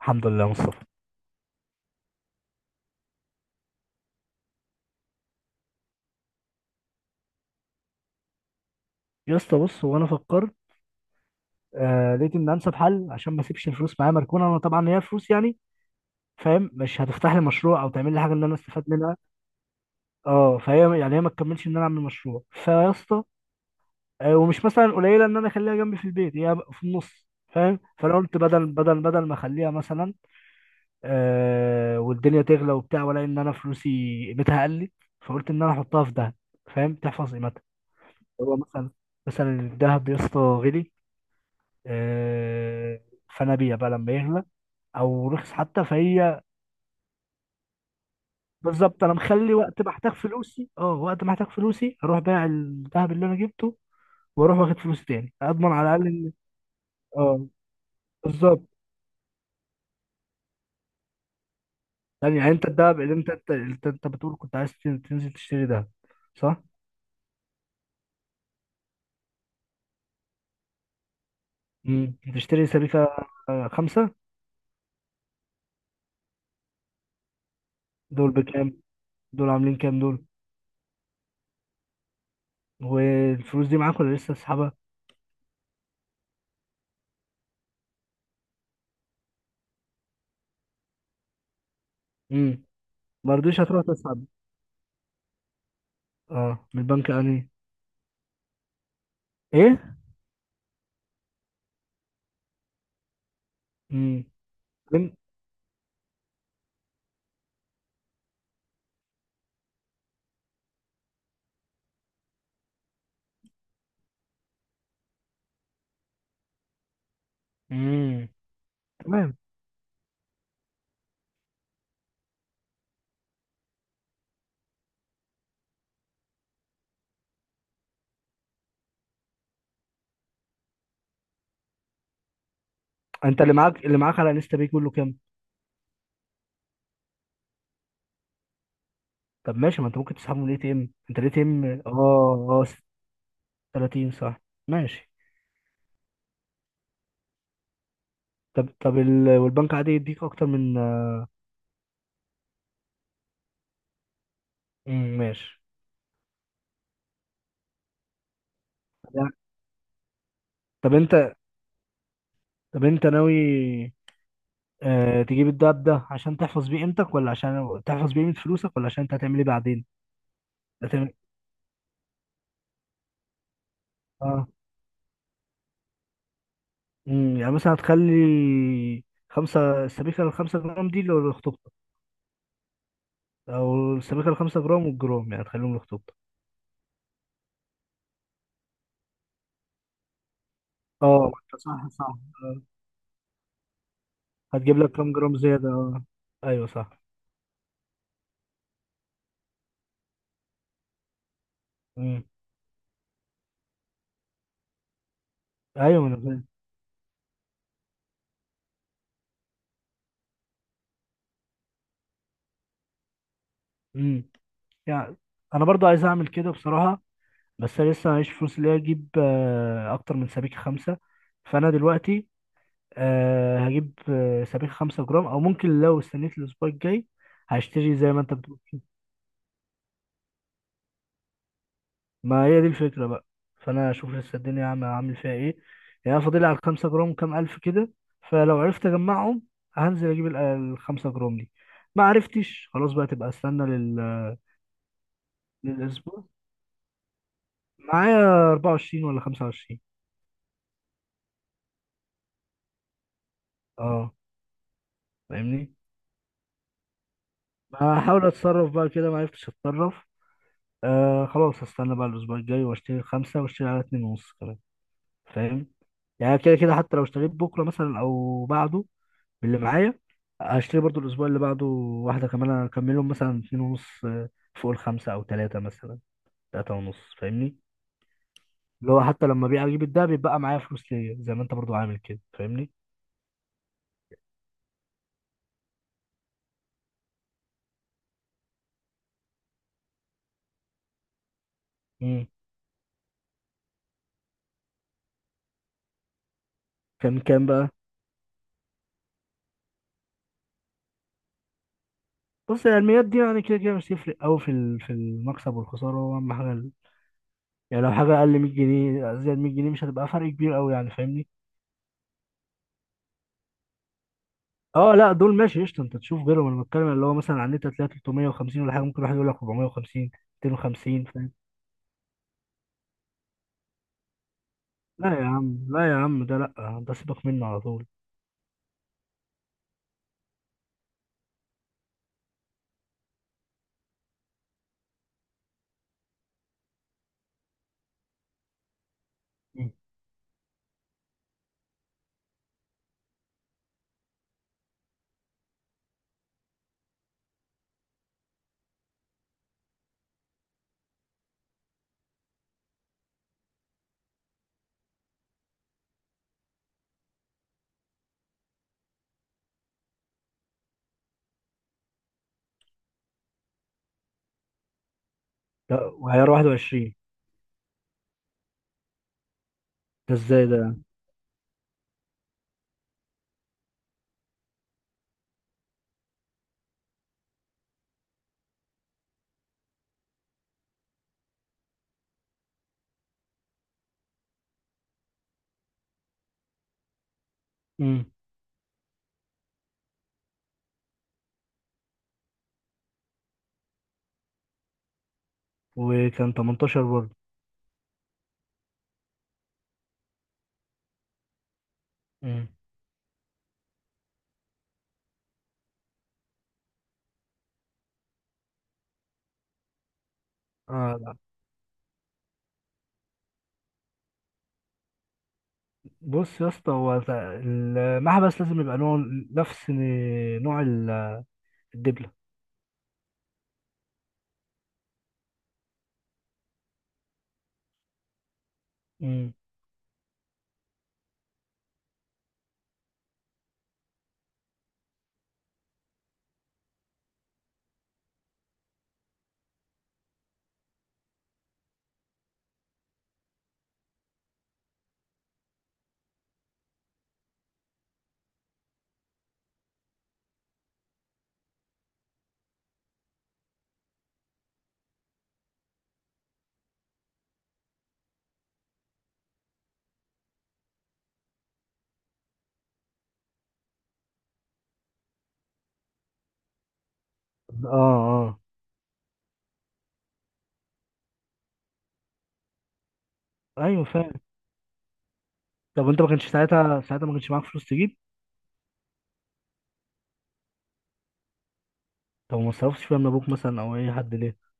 الحمد لله يا مصطفى. يا اسطى بص، هو انا فكرت لقيت ان انسب حل عشان ما اسيبش الفلوس معايا مركونه. انا طبعا هي فلوس يعني، فاهم، مش هتفتح لي مشروع او تعمل لي حاجه ان انا استفاد منها. اه، فهي يعني هي ما تكملش ان انا اعمل مشروع، فيا اسطى، آه، ومش مثلا قليله ان انا اخليها جنبي في البيت، هي في النص، فاهم. فانا قلت بدل ما اخليها مثلا، آه، والدنيا تغلى وبتاع، ولا ان انا فلوسي قيمتها قلت. فقلت ان انا احطها في دهب، فاهم، تحفظ قيمتها. هو مثلا، الدهب يا اسطى غلي آه، فنبيع بقى لما يغلى او رخص حتى، فهي بالظبط. انا مخلي وقت ما احتاج فلوسي، وقت ما احتاج فلوسي اروح بايع الذهب اللي انا جبته، واروح واخد فلوسي تاني، اضمن على الاقل اه. بالظبط. يعني انت الذهب اللي انت انت انت أنت بتقول كنت عايز تنزل تشتري ذهب، صح؟ امم، تشتري سبيكة؟ آه، خمسة. دول بكام؟ دول عاملين كام دول؟ والفلوس دي معاك ولا لسه تسحبها؟ امم. ما رضيتش هتروح تسحب، اه، من البنك يعني؟ ايه؟ امم. امم. تمام. انت اللي معاك على انستا باي كله كام؟ طب ماشي، ما انت ممكن تسحبه من الاي تي ام، انت الاي تي ام اه اه؟ 30 صح. ماشي. طب والبنك عادي يديك اكتر من... امم. ماشي. لا، طب انت طب انت ناوي تجيب الدهب ده عشان تحفظ بيه قيمتك، ولا عشان تحفظ بيه قيمة فلوسك، ولا عشان انت هتعمل ايه بعدين؟ هتعمل اه. امم، يعني مثلا هتخلي خمسة، السبيكة الخمسة جرام دي لخطوبتك؟ أو السبيكة الخمسة جرام والجرام يعني هتخليهم لخطوبتك؟ اه، ما انت صح صح. آه. هتجيب لك كام جرام زيادة، اه؟ ايوه صح. مم. ايوه ما انا فاهم. مم. يعني انا برضو عايز اعمل كده بصراحة، بس انا لسه معيش فلوس اللي هي اجيب اكتر من سبيكة خمسة. فانا دلوقتي هجيب سبيكة خمسة جرام، او ممكن لو استنيت الاسبوع الجاي هشتري زي ما انت بتقول. ما هي دي الفكرة بقى. فأنا أشوف لسه الدنيا عامل فيها إيه. يعني أنا فاضل لي على الخمسة جرام كام ألف كده. فلو عرفت أجمعهم هنزل أجيب الخمسة جرام دي. ما عرفتش خلاص بقى تبقى استنى للأسبوع. معايا 24 ولا 25. أه، فاهمني. هحاول أتصرف بقى كده. ما عرفتش أتصرف، آه، خلاص هستنى بقى الأسبوع الجاي، وأشتري الخمسة وأشتري على اتنين ونص كمان، فاهم. يعني كده كده حتى لو اشتريت بكرة مثلا أو بعده، اللي معايا هشتري برضو الاسبوع اللي بعده واحده كمان، هكملهم مثلا اتنين ونص فوق الخمسه، او تلاته مثلا، تلاته ونص، فاهمني. اللي هو حتى لما بيع اجيب الدهب بيبقى معايا فلوس ليا، زي ما انت برضو عامل كده، فاهمني. امم. كان كام بقى؟ بص، هي الميات دي يعني كده كده مش هتفرق قوي في في المكسب والخساره. هو اهم حاجه يعني لو حاجه اقل 100 جنيه، زائد 100 جنيه، مش هتبقى فرق كبير قوي يعني، فاهمني. اه لا، دول ماشي قشطه، انت تشوف غيرهم. انا بتكلم اللي هو مثلا على النت هتلاقي 350 ولا حاجه، ممكن واحد يقول لك 450، 250، فاهم. لا يا عم، لا يا عم، ده لا، ده سيبك منه على طول. مم. ده وعيار 21؟ ده ازاي ده يعني؟ مم. وكان 18 برضه؟ مم. اه لا، بص يا اسطى، هو المحبس لازم يبقى نوع، نفس نوع الدبلة. مم. اه اه. ايوه فاهم. طب انت، ما كانش ساعتها ما كانش معاك فلوس تجيب؟ طب ما صرفتش فيها من ابوك مثلا او اي حد ليه؟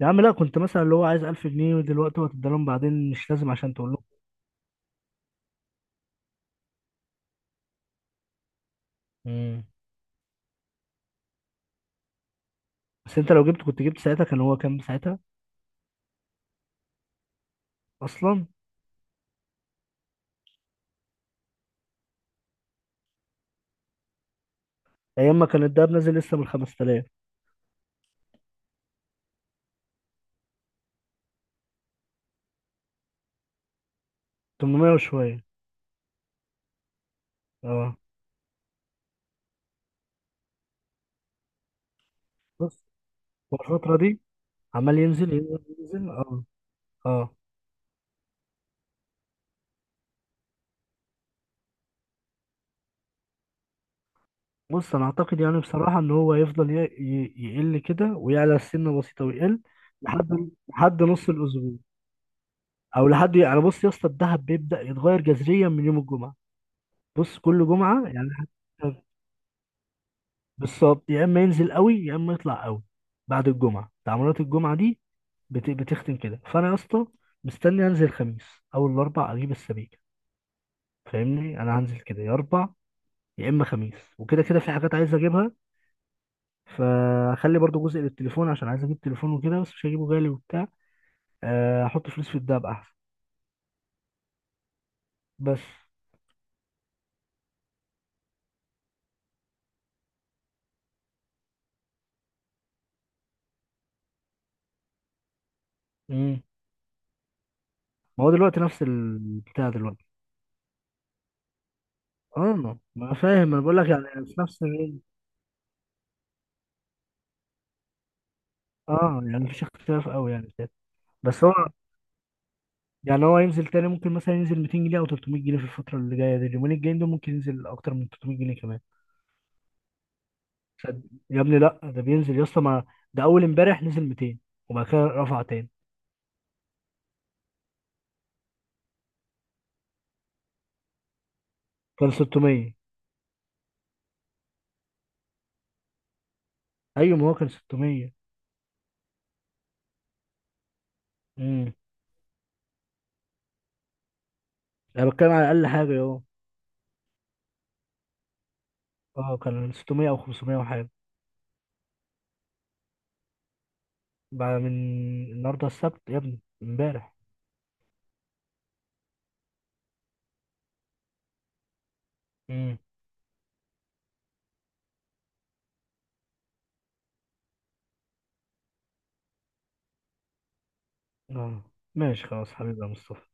يا عم لا، كنت مثلا اللي هو عايز 1000 جنيه ودلوقتي، هو هتديلهم بعدين، مش لازم عشان تقول لهم. مم. بس انت لو جبت، كنت جبت ساعتها، كان هو كام ساعتها اصلا؟ ايام ما كان الدهب نازل لسه من 5000، 800 وشويه. اه. بص هو الفتره دي، عمال ينزل ينزل ينزل اه. اه بص، انا اعتقد يعني بصراحه ان هو يفضل يقل كده ويعلى سنه بسيطه ويقل، لحد نص الاسبوع. او لحد يعني، بص يا اسطى، الدهب بيبدا يتغير جذريا من يوم الجمعه. بص كل جمعه يعني حتى. بالظبط، يا اما ينزل قوي يا اما يطلع قوي. بعد الجمعه، تعاملات الجمعه دي بتختم كده. فانا يا اسطى مستني انزل الخميس، اول الاربع اجيب السبيكه. فاهمني، انا هنزل كده يا اربع يا اما خميس. وكده كده في حاجات عايز اجيبها، فاخلي برضو جزء للتليفون عشان عايز اجيب تليفون وكده، بس مش هجيبه غالي وبتاع، احط فلوس في الدهب احسن، بس. امم. ما هو دلوقتي نفس البتاع دلوقتي. اه ما أنا فاهم، انا بقول لك يعني، في نفس الرينج. اه يعني مفيش اختلاف قوي يعني كده. بس هو يعني، هو ينزل تاني. ممكن مثلا ينزل 200 جنيه او 300 جنيه في الفتره اللي جايه دي. اليومين الجايين دول ممكن ينزل اكتر من 300 جنيه كمان. صد- يا ابني لا، ده بينزل يا اسطى، ما ده اول امبارح نزل 200 وبعد كده رفع تاني. كان 600. ايوه ما هو كان 600. امم. انا بتكلم على اقل حاجه اهو، اه كان 600 او 500 وحاجه. بعد من النهارده السبت يا ابني امبارح. امم. اه ماشي خلاص حبيبي يا مصطفى.